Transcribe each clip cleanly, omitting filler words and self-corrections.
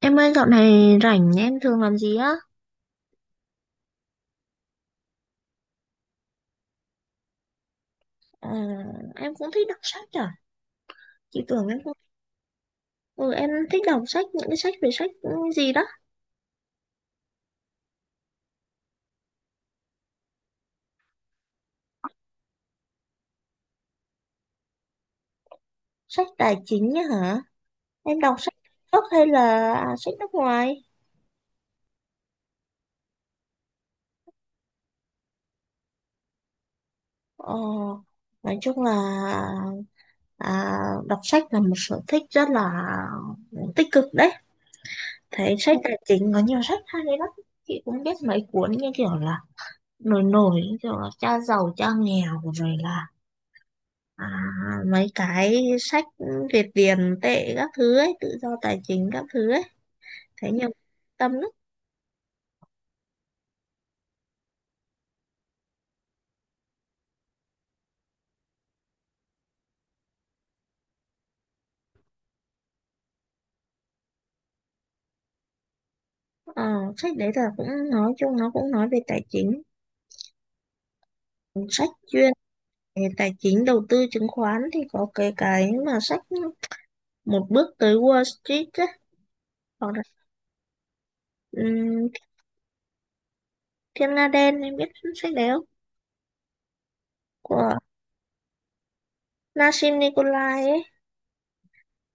Em ơi dạo này rảnh em thường làm gì á? Ờ, em cũng thích đọc sách à? Chị tưởng em không. Ừ, em thích đọc sách, những cái sách về sách gì đó? Sách tài chính á hả? Em đọc sách gốc hay là sách nước ngoài? Ờ, nói chung là à, đọc sách là một sở thích rất là tích cực đấy. Thấy sách tài chính có nhiều sách hay đấy lắm. Chị cũng biết mấy cuốn như kiểu là nổi nổi, như kiểu là cha giàu, cha nghèo rồi là à, mấy cái sách Việt tiền tệ các thứ ấy tự do tài chính các thứ ấy thế nhưng tâm lắm. ờ, Sách đấy là cũng nói chung nó cũng nói về tài chính. Sách chuyên về tài chính đầu tư chứng khoán thì có cái mà sách một bước tới Wall Street ấy, hoặc là ừm, Thiên Nga Đen em biết sách đấy không, của Nassim Nikolai ấy,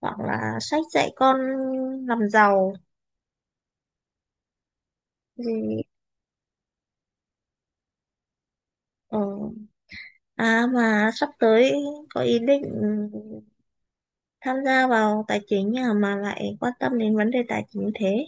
hoặc là sách dạy con làm giàu gì. ờ, À mà sắp tới có ý định tham gia vào tài chính, mà lại quan tâm đến vấn đề tài chính thế.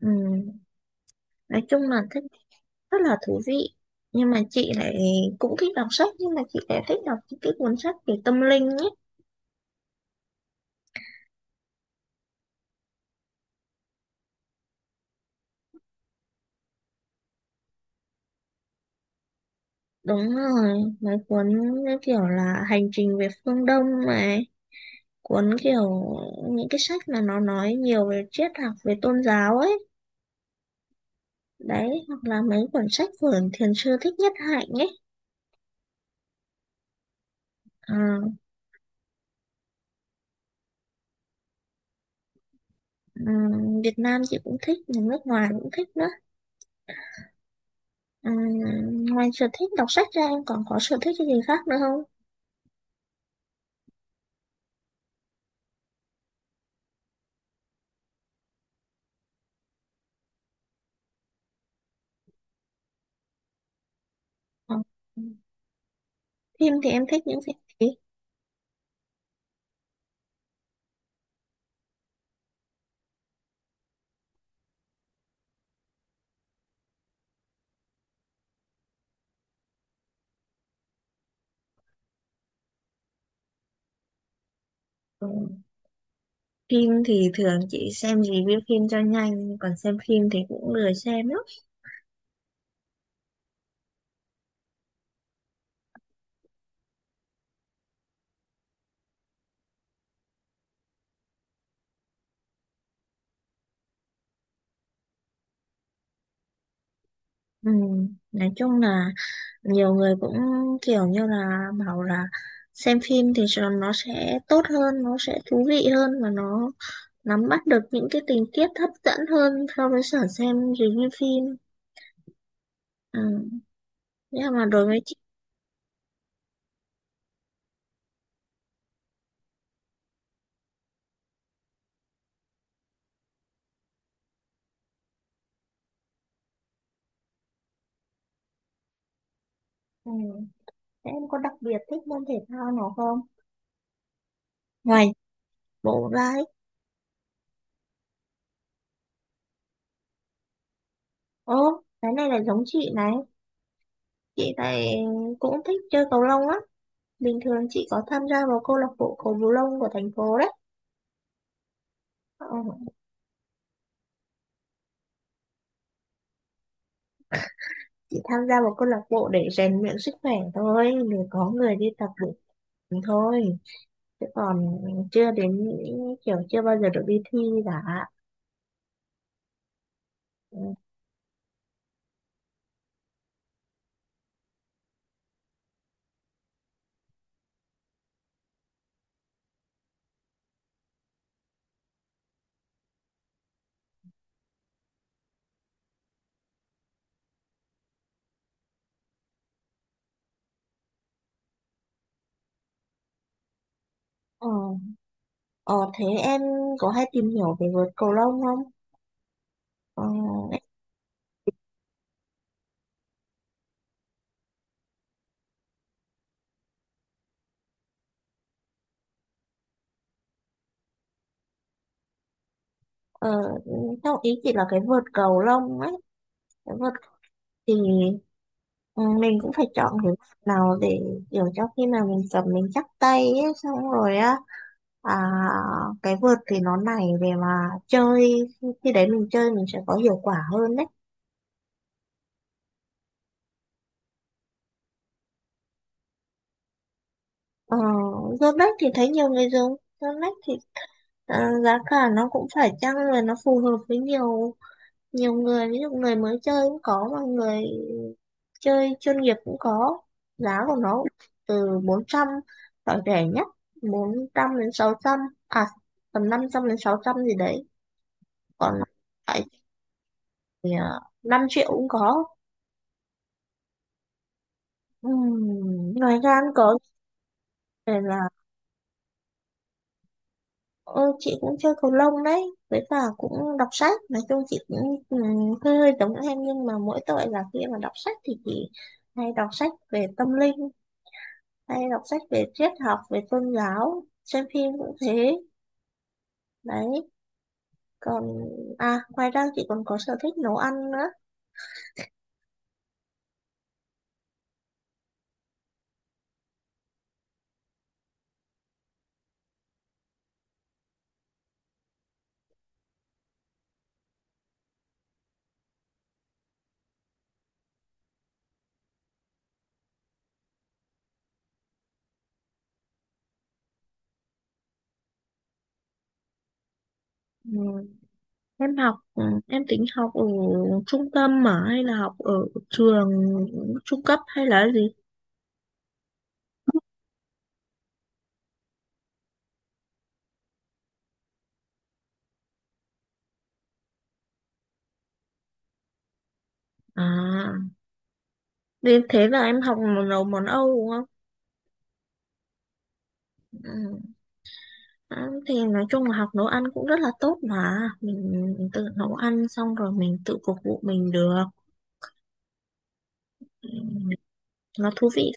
ừ. Nói chung là thích, rất là thú vị. Nhưng mà chị lại cũng thích đọc sách nhưng mà chị lại thích đọc những cái cuốn sách về tâm linh ấy. Đúng rồi, mấy cuốn như kiểu là hành trình về phương Đông này, cuốn kiểu những cái sách mà nó nói nhiều về triết học về tôn giáo ấy đấy, hoặc là mấy cuốn sách của thiền sư Thích Nhất Hạnh ấy. à, ừ, Việt Nam chị cũng thích, nước ngoài cũng thích nữa. Ngoài sở thích đọc sách ra em còn có sở thích cái gì khác nữa không? Còn phim thì em thích những phim gì? Ừ. Phim thì thường chị xem review phim cho nhanh, còn xem phim thì cũng lười xem lắm. Nói chung là nhiều người cũng kiểu như là bảo là xem phim thì nó sẽ tốt hơn, nó sẽ thú vị hơn và nó nắm bắt được những cái tình tiết hấp dẫn hơn so với sở xem review phim. Ừm, Nhưng mà đối với chị. Ừ. Thế em có đặc biệt thích môn thể thao nào không? Ngoài bộ đấy. Ố, cái này là giống chị này. Chị này cũng thích chơi cầu lông á. Bình thường chị có tham gia vào câu lạc bộ cầu lông của thành phố đấy. Ờ, chị tham gia vào câu lạc bộ để rèn luyện sức khỏe thôi. Để có người đi tập được thôi. Chứ còn chưa đến những kiểu, chưa bao giờ được đi thi cả. Ừ. Ờ, ờ, Thế em có hay tìm hiểu về vợt cầu lông không? Ờ, Ờ, Theo ý chị là cái vợt cầu lông ấy. Nếu mà thì ừ, mình cũng phải chọn cái mặt nào để kiểu cho khi nào mình cầm mình chắc tay ấy, xong rồi á. à, cái vợt thì nó này để mà chơi, khi đấy mình chơi mình sẽ có hiệu quả hơn đấy. ờ, Dưa lách thì thấy nhiều người dùng, dưa lách thì giá cả nó cũng phải chăng rồi nó phù hợp với nhiều nhiều người, ví dụ người mới chơi cũng có mà người chơi chuyên nghiệp cũng có. Giá của nó từ 400, loại rẻ nhất 400 đến 600, à tầm 500 đến 600 gì đấy. Còn lại thì 5 triệu cũng có. Ừm, Ngoài ra cũng có về là. Chị cũng chơi cầu lông đấy, với cả cũng đọc sách. Nói chung chị cũng hơi hơi giống em nhưng mà mỗi tội là khi mà đọc sách thì chị hay đọc sách về tâm linh, hay đọc sách về triết học về tôn giáo, xem phim cũng thế đấy. Còn ngoài ra chị còn có sở thích nấu ăn nữa. ừ. Em học em tính học ở trung tâm mà hay là học ở trường trung cấp hay là gì? à Vì thế là em học nấu món Âu đúng không? ừ. À, thì nói chung là học nấu ăn cũng rất là tốt mà mình tự nấu ăn xong rồi mình tự phục vụ mình được. Ừ, nó thú vị.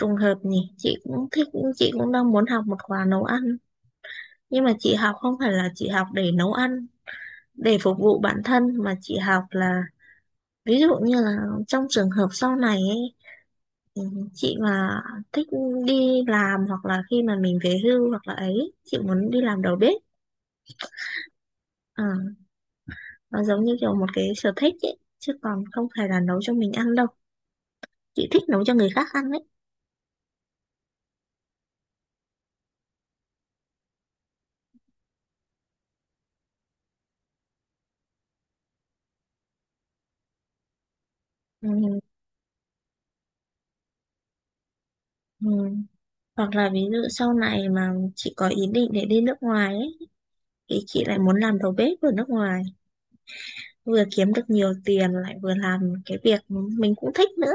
Trùng hợp nhỉ, chị cũng thích. Chị cũng đang muốn học một khóa nấu ăn, nhưng mà chị học không phải là chị học để nấu ăn để phục vụ bản thân, mà chị học là ví dụ như là trong trường hợp sau này ấy, ừ, chị mà thích đi làm hoặc là khi mà mình về hưu hoặc là ấy chị muốn đi làm đầu bếp. à, nó giống như kiểu một cái sở thích ấy chứ còn không phải là nấu cho mình ăn đâu, chị thích nấu cho người khác ăn đấy. Ừ, ừ. Hoặc là ví dụ sau này mà chị có ý định để đi nước ngoài ấy thì chị lại muốn làm đầu bếp ở nước ngoài, vừa kiếm được nhiều tiền lại vừa làm cái việc mình cũng thích nữa.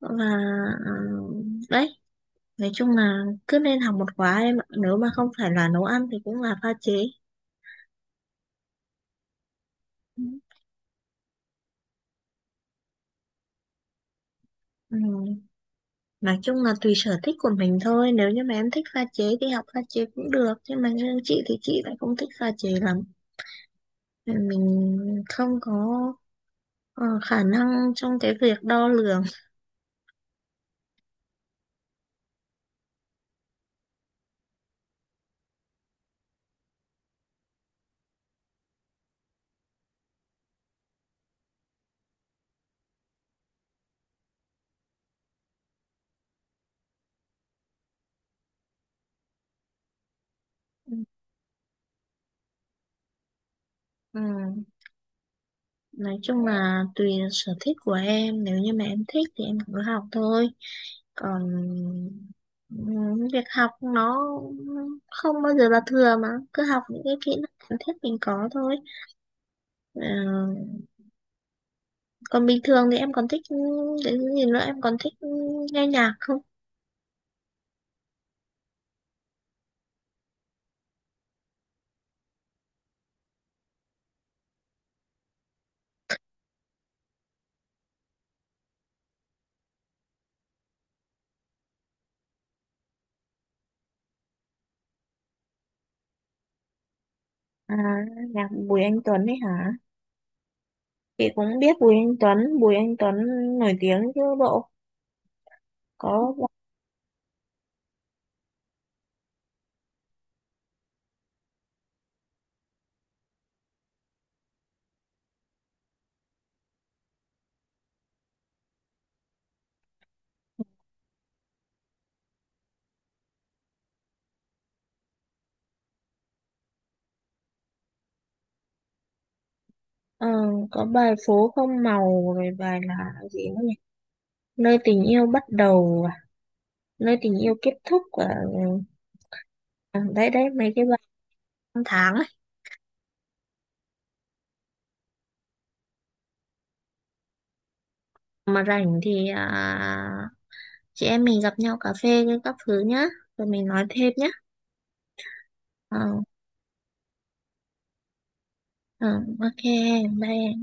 Và ờ, đấy, nói chung là cứ nên học một khóa em ạ, nếu mà không phải là nấu ăn thì cũng là pha chế. ừ. Nói chung là tùy sở thích của mình thôi, nếu như mà em thích pha chế thì học pha chế cũng được nhưng mà riêng chị thì chị lại không thích pha chế lắm, mình không có ờ, khả năng trong cái việc đo lường. ừ. Nói chung là tùy sở thích của em, nếu như mà em thích thì em cứ học thôi. Còn việc học nó không bao giờ là thừa mà, cứ học những cái kỹ năng cần thiết mình có thôi. Ờ, Còn bình thường thì em còn thích cái gì nữa, em còn thích nghe nhạc không? À, nhạc Bùi Anh Tuấn ấy hả? Chị cũng biết Bùi Anh Tuấn, Bùi Anh Tuấn nổi tiếng chứ bộ. Có ờ, có bài phố không màu rồi bài là gì nữa nhỉ? Nơi tình yêu bắt đầu à? Nơi tình yêu kết thúc à? Ừ, đấy đấy mấy cái bài năm tháng ấy. Mà rảnh thì chị em mình gặp nhau cà phê các thứ nhá, rồi mình nói thêm nhá. Ờ, ờ, OK, bye em.